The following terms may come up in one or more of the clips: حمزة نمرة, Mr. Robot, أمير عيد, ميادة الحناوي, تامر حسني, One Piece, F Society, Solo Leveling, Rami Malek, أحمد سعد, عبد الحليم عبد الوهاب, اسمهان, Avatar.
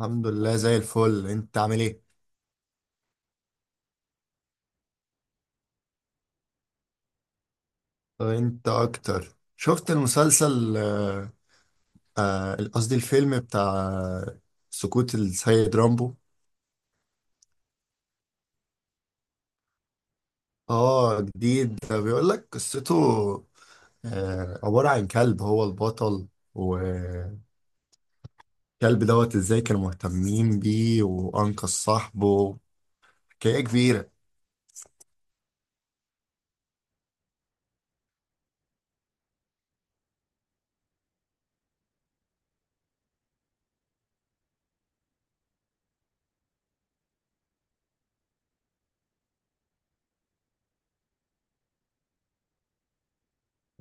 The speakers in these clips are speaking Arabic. الحمد لله زي الفل، انت عامل ايه؟ انت اكتر. شفت المسلسل قصدي الفيلم بتاع سقوط السيد رامبو. اه، جديد، ده بيقول لك قصته. عبارة عن كلب هو البطل. والكلب ازاي كانوا مهتمين بيه وانقذ صاحبه. حكاية كبيرة.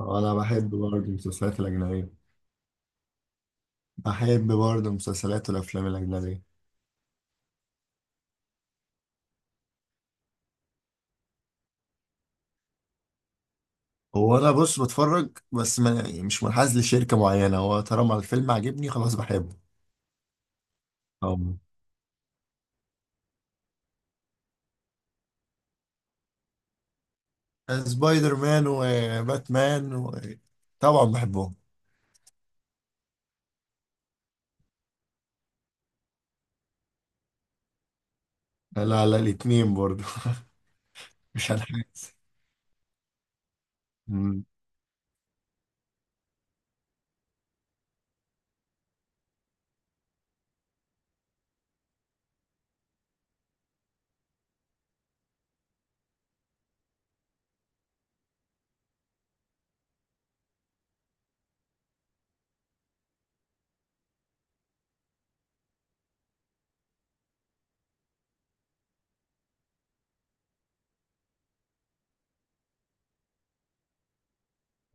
انا بحب برضه المسلسلات الأجنبية. بحب برضه المسلسلات والأفلام الأجنبية. هو انا بص بتفرج، بس ما يعني مش منحاز لشركه معينه. هو طالما الفيلم عاجبني خلاص بحبه. أم. سبايدر مان وباتمان. طبعا بحبهم. لا لا، الاتنين برضو. مش هنحاز. مم.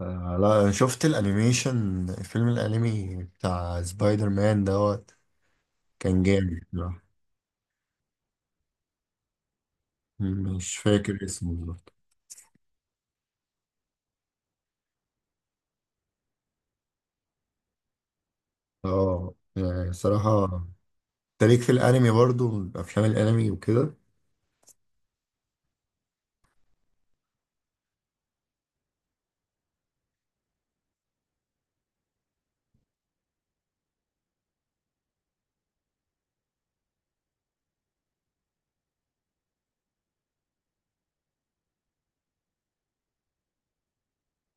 لا، شفت الانيميشن فيلم الانمي بتاع سبايدر مان كان جامد بصراحة. مش فاكر اسمه بالظبط. اه، يعني صراحة، تاريخ في الانمي برضو، افلام الانمي وكده.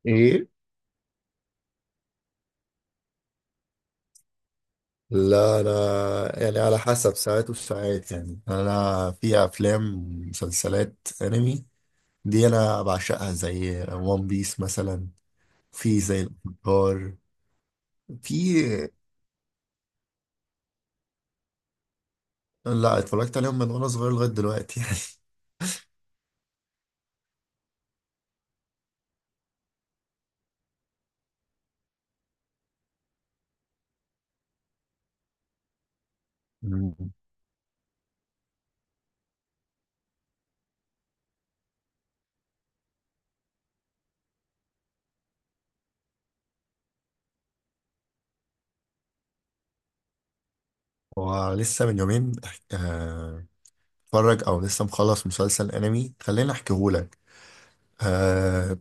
ايه. لا، انا يعني على حسب ساعات وساعات، يعني انا في افلام، مسلسلات انمي دي انا بعشقها، زي وان بيس مثلا. في زي الافاتار. في. لا، اتفرجت عليهم من وانا صغير لغايه دلوقتي يعني. مم. ولسه من يومين آه، اتفرج، او لسه مخلص مسلسل انمي، خليني احكيهولك. آه،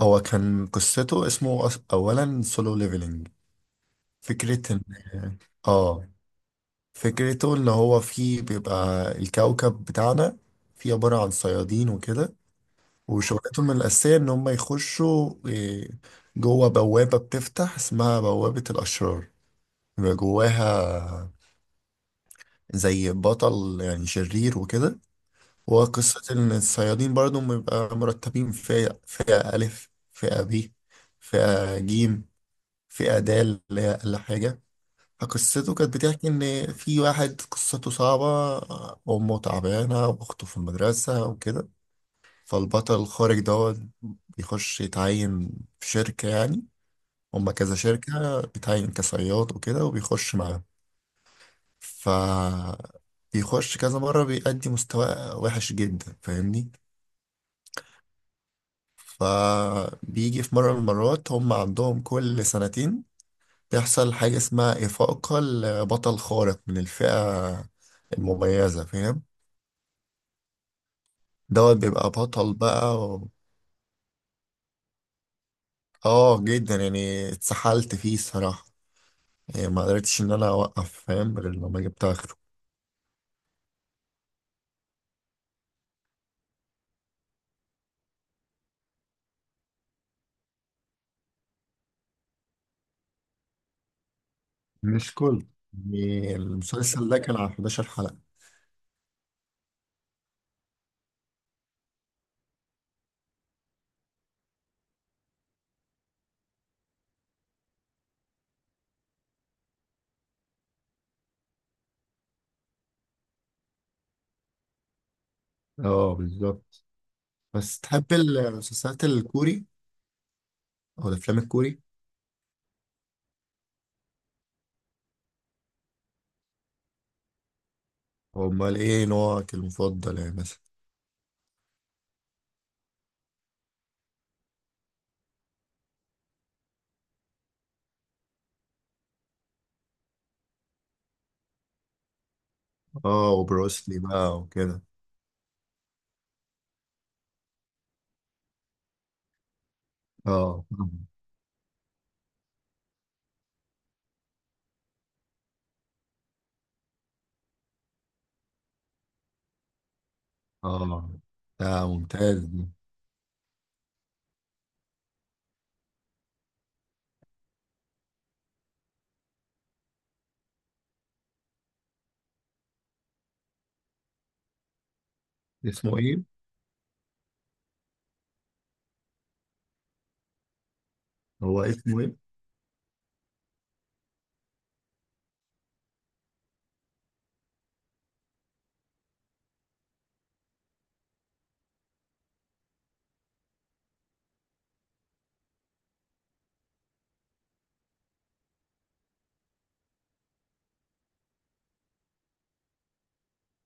هو كان قصته اسمه اولا سولو ليفلنج. فكره ان، اه، فكرته اللي هو فيه بيبقى الكوكب بتاعنا فيه عبارة عن صيادين وكده. وشغلتهم الأساسية إن هم يخشوا إيه، جوه بوابة بتفتح اسمها بوابة الأشرار. بيبقى جواها زي بطل يعني شرير وكده. وقصة إن الصيادين برضو بيبقى مرتبين فئة، فئة ألف، فئة ب، فئة جيم، فئة د اللي هي أقل حاجة. فقصته كانت بتحكي إن في واحد قصته صعبة، أمه تعبانة وأخته في المدرسة وكده. فالبطل الخارج بيخش يتعين في شركة يعني. هما كذا شركة، بيتعين كصياد وكده وبيخش معاهم. ف بيخش كذا مرة، بيأدي مستوى وحش جدا، فاهمني. فبيجي في مرة من المرات، هم عندهم كل سنتين بيحصل حاجة اسمها إفاقة لبطل خارق من الفئة المميزة، فاهم. بيبقى بطل بقى. اه، جدا يعني، اتسحلت فيه الصراحة، يعني ما قدرتش ان انا اوقف فاهم غير لما جبت اخره. مش كله. يعني المسلسل ده كان على 11 حلقة. اه بالظبط. بس تحب المسلسلات الكوري او الافلام الكوري؟ امال ايه نوعك المفضل يعني مثلا؟ اه، وبروسلي بقى وكده. اه. مم. اه، ده ممتاز ده. اسمه ايه؟ هو اسمه ايه؟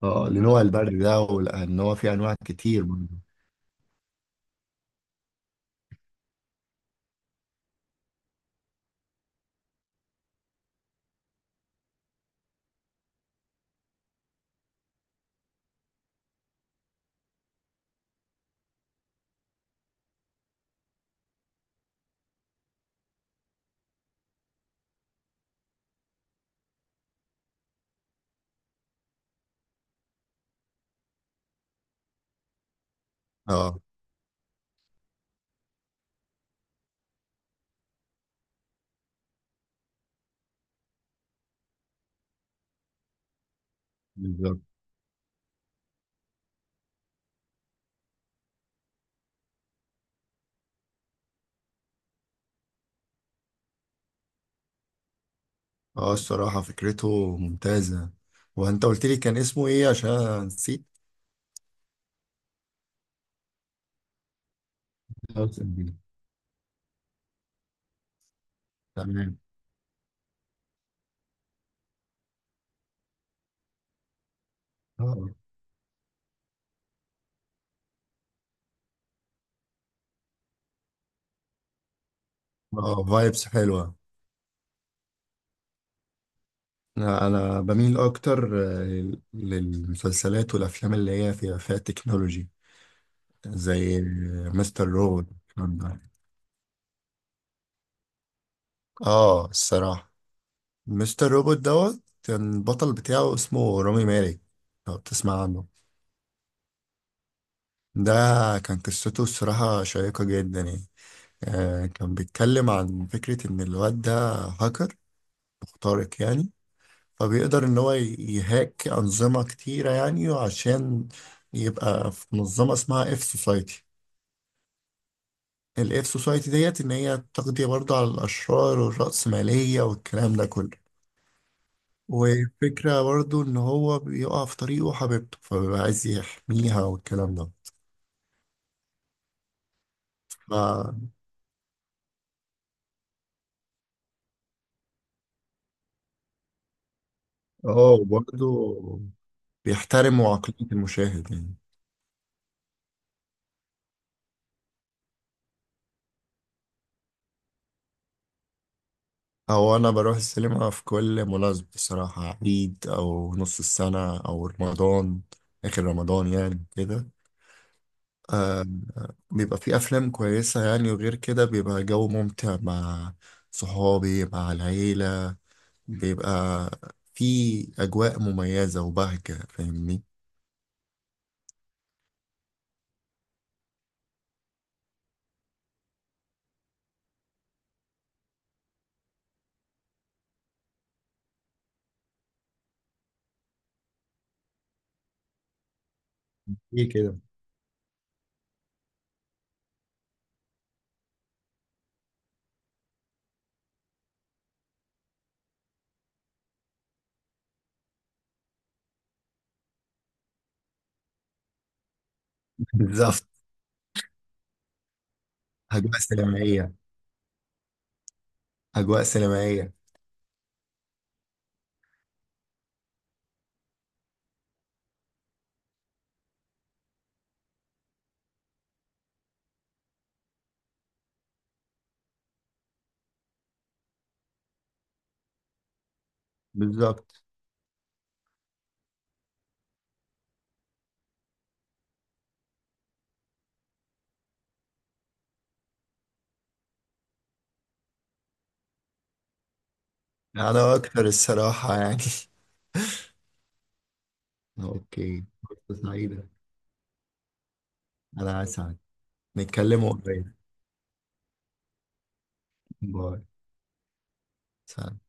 اه اه، لنوع البرد ده وان هو في انواع كتير منه. بالظبط. اه، الصراحة فكرته ممتازة. وانت قلت لي كان اسمه ايه؟ عشان أنا نسيت. هاوس اوف بيس. تمام. اه. اه، فايبس حلوة. انا أنا بميل اكتر للمسلسلات والافلام اللي هي فيها تكنولوجي زي مستر روبوت. اه الصراحة، مستر روبوت كان البطل بتاعه اسمه رامي مالك، لو بتسمع عنه. ده كان قصته الصراحة شيقة جدا يعني. كان بيتكلم عن فكرة إن الواد ده هاكر خارق يعني. فبيقدر إن هو يهاك أنظمة كتيرة يعني، عشان يبقى في منظمة اسمها اف سوسايتي. الاف سوسايتي ديت إن هي تقضي برضه على الأشرار والرأسمالية والكلام ده كله. وفكرة برضه إن هو بيقع في طريقه حبيبته فبيبقى عايز يحميها والكلام ده. ف اه، وبرضه بيحترموا عقلية المشاهد يعني. هو أنا بروح السينما في كل مناسبة بصراحة، عيد أو نص السنة أو رمضان. آخر رمضان يعني كده. آه بيبقى في أفلام كويسة يعني، وغير كده بيبقى جو ممتع مع صحابي مع العيلة. بيبقى في أجواء مميزة وبهجة، فاهمني. ايه كده. بالظبط. أجواء سينمائية. أجواء سينمائية. بالظبط. أنا أكتر الصراحة يعني. أوكي، فرصة سعيدة. أنا أسعد. نتكلموا قريب. باي. سلام.